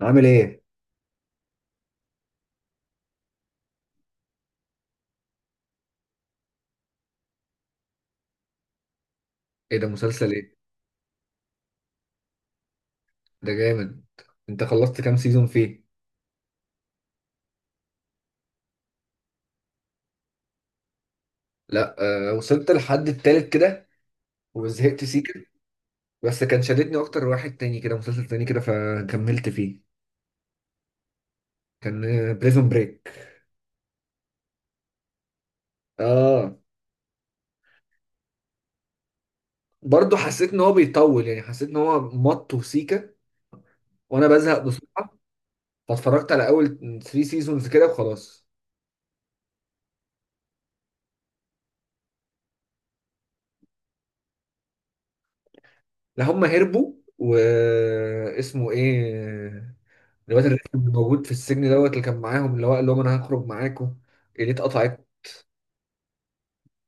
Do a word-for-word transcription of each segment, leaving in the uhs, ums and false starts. عامل ايه؟ ايه ده مسلسل ايه؟ ده جامد. انت خلصت كام سيزون فيه؟ لا، آه وصلت لحد التالت كده وزهقت سيكا. بس كان شددني اكتر واحد تاني كده، مسلسل تاني كده فكملت فيه. كان بريزون بريك. اه، برضه حسيت ان هو بيطول، يعني حسيت ان هو مط وسيكا وانا بزهق بسرعة، فاتفرجت على اول تلات سيزونز كده وخلاص. لا هم هربوا، واسمه ايه الواد الرخم اللي موجود في السجن دوت اللي كان معاهم اللي هو قال لهم انا هخرج معاكم. اللي اتقطعت.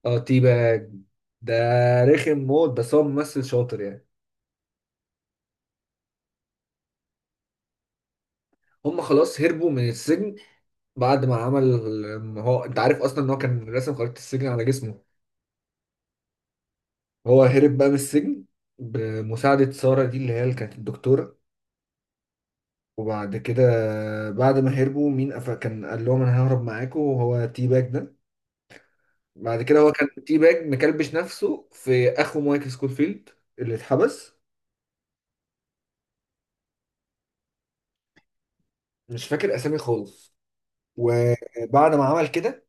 اه تيباج ده رخم موت، بس هو ممثل شاطر يعني. هم خلاص هربوا من السجن بعد ما عمل ال-، هو انت عارف اصلا ان هو كان راسم خريطة السجن على جسمه. هو هرب بقى من السجن بمساعدة سارة دي اللي هي اللي كانت الدكتورة. وبعد كده، بعد ما هربوا مين قف- كان قال لهم انا ههرب معاكم وهو تيباج ده. بعد كده هو كان تي باج مكلبش نفسه في اخو مايكل سكوفيلد اللي اتحبس. مش فاكر اسامي خالص. وبعد ما عمل كده،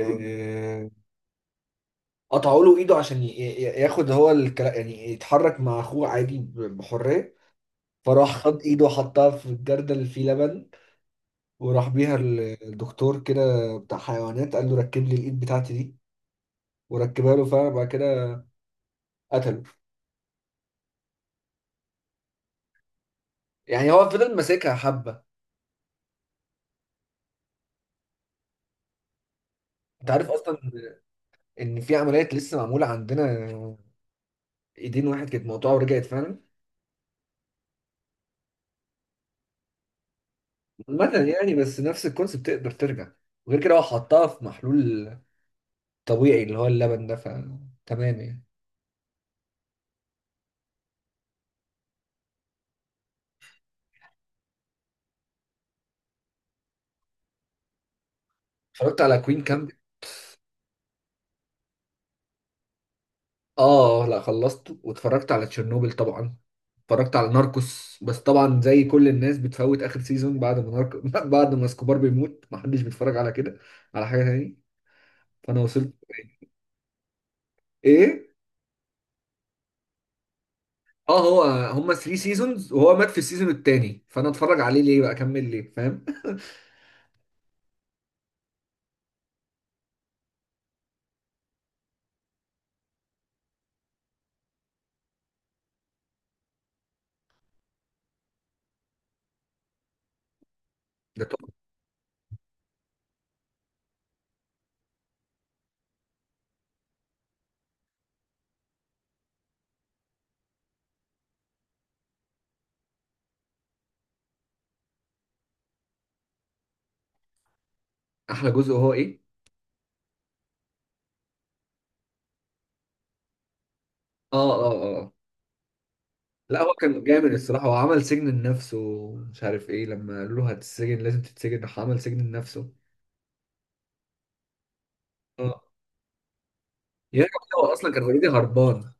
آه، قطعوا له ايده عشان ي- ي- ياخد هو الكلا- يعني يتحرك مع اخوه عادي ب- بحريه. فراح خد ايده وحطها في الجردل اللي فيه لبن وراح بيها. الدكتور كده بتاع حيوانات قال له ركب لي الايد بتاعتي دي، وركبها له فعلا. بعد كده قتله. يعني هو فضل ماسكها حبه. انت عارف اصلا ان في عمليات لسه معموله عندنا، ايدين واحد كانت مقطوعه ورجعت فعلا. مثلا يعني، بس نفس الكونسيبت تقدر ترجع. وغير كده هو حطها في محلول طبيعي اللي هو اللبن ده، فتمام يعني. اتفرجت على كوين كامب. اه، لا خلصته، واتفرجت على تشيرنوبل طبعا. اتفرجت على ناركوس بس طبعا زي كل الناس بتفوت اخر سيزون بعد ما ناركو بعد ما اسكوبار بيموت محدش بيتفرج على كده، على حاجه تاني. فانا وصلت. ايه. اه هو، هما تلات سيزونز وهو مات في السيزون التاني، فانا اتفرج عليه ليه بقى، اكمل ليه، فاهم؟ ده طبعا. احلى جزء هو ايه؟ اه اه اه. لا هو كان جامد الصراحة، هو عمل سجن لنفسه ومش عارف ايه، لما قالوا له هتتسجن لازم تتسجن راح عمل سجن لنفسه. اه. يعني هو اصلا كان اوريدي هربان.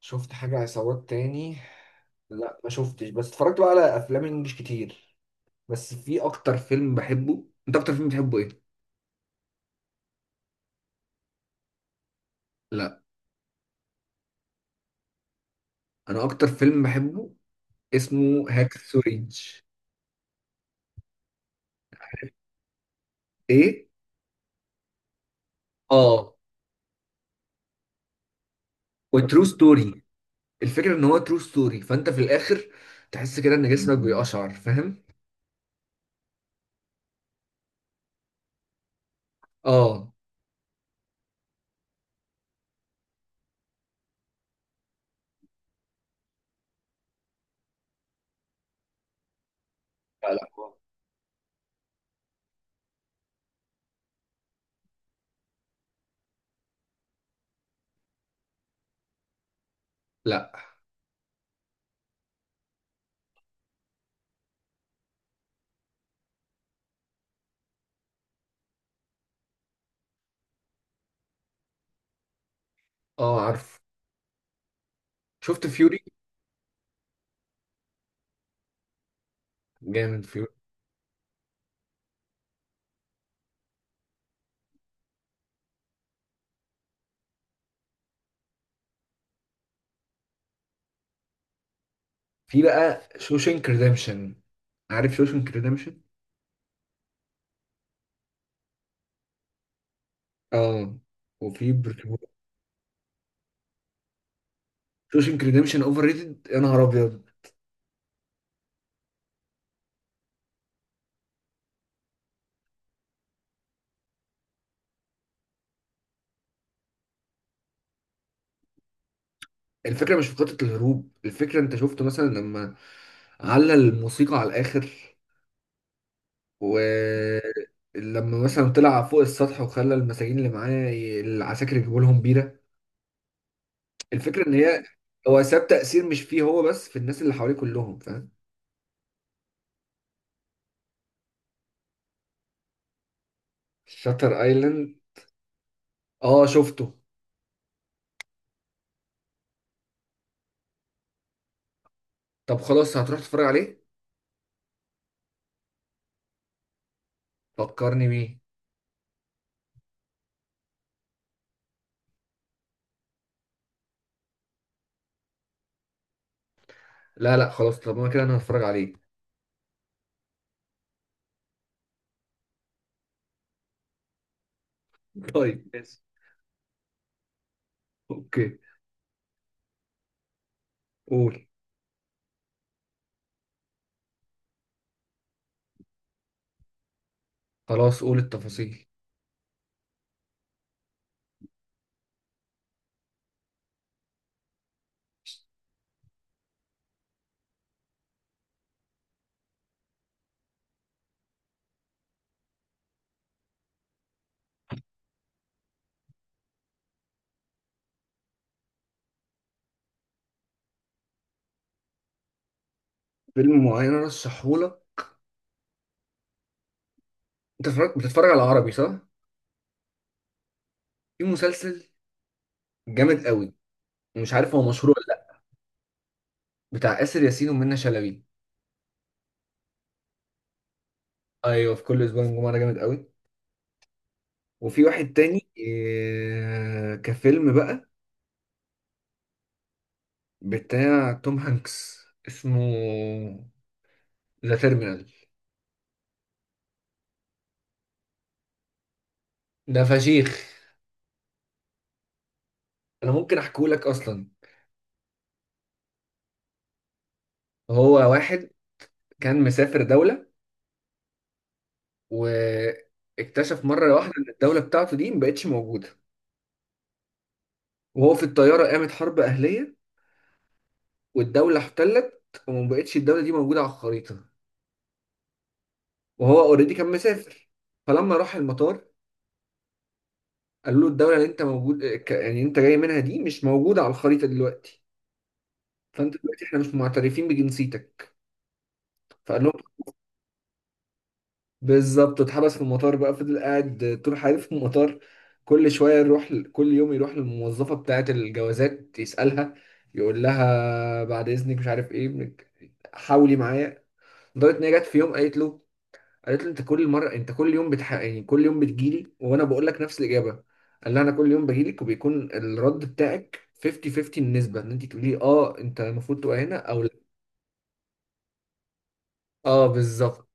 شفت حاجة عصابات تاني. لا ما شفتش، بس اتفرجت بقى على افلام انجلش كتير. بس في اكتر فيلم بحبه، انت اكتر فيلم بتحبه ايه؟ لا، انا اكتر فيلم بحبه اسمه هاك سورينج. ايه؟ اه. وترو ستوري. الفكرة ان هو ترو ستوري، فانت في الاخر تحس كده ان جسمك بيقشعر، فاهم؟ اه. لا لا هو-. لا. اه عارف. شفت فيوري. جامد فيوري. في بقى شوشنك ريديمشن، عارف شوشنك ريديمشن؟ اه. وفي برشلونة. شوشنك ريديمشن اوفر ريتد يا نهار ابيض. الفكره مش في خطه الهروب، الفكره انت شفت مثلا لما علّى الموسيقى على الاخر، ولما مثلا طلع فوق السطح وخلى المساجين اللي معاه ي- العساكر يجيبوا لهم بيره. الفكره ان هي، هو ساب تاثير مش فيه هو بس، في الناس اللي حواليه كلهم فاهم شاتر ايلاند؟ اه شفته. طب خلاص هتروح تتفرج عليه؟ فكرني بيه. لا لا خلاص، طب انا كده انا هتفرج عليه. طيب ماشي. اوكي. قول. خلاص قول التفاصيل. فيلم معين رشحهولك. انت اتفرجت بتتفرج على عربي صح. في مسلسل جامد قوي، ومش عارف هو مشهور ولا لا. بتاع آسر ياسين ومنى شلبي. ايوه، في كل اسبوع الجمعه ده جامد قوي. وفي واحد تاني إيه كفيلم بقى، بتاع توم هانكس اسمه ذا تيرمينال. ده فشيخ. انا ممكن احكيه لك اصلا. هو واحد كان مسافر دولة، واكتشف مرة واحدة إن الدولة بتاعته دي مبقتش موجودة. وهو في الطيارة قامت حرب أهلية، والدولة احتلت ومبقتش الدولة دي موجودة على الخريطة. وهو أوريدي كان مسافر، فلما راح المطار قالوا له الدولة اللي أنت موجود ك- يعني أنت جاي منها دي مش موجودة على الخريطة دلوقتي، فأنت دلوقتي إحنا مش معترفين بجنسيتك. فقال. بالظبط، اتحبس في المطار بقى، فضل قاعد طول حياته في المطار. كل شوية يروح، كل يوم يروح للموظفة بتاعة الجوازات يسألها، يقول لها بعد إذنك مش عارف إيه بنك- حاولي معايا. لدرجة إن هي جت في يوم قالت له، قالت له أنت كل مرة، أنت كل يوم بتح... يعني كل يوم بتجيلي وأنا بقول لك نفس الإجابة. قال لها أنا كل يوم بجيلك وبيكون الرد بتاعك خمسين خمسين النسبة إن أنت تقولي أه أنت المفروض تبقى هنا أو لأ. أه بالظبط.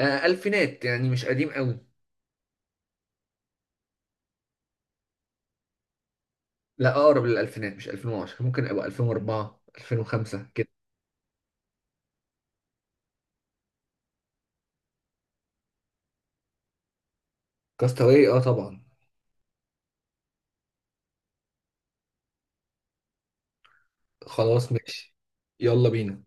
آه، ألفينات يعني، مش قديم قوي. لا اقرب للالفينات، مش ألفين وعشرة، ممكن ابقى ألفين واربعة ألفين وخمسة كده. كاستاوي اه طبعا. خلاص ماشي. يلا بينا.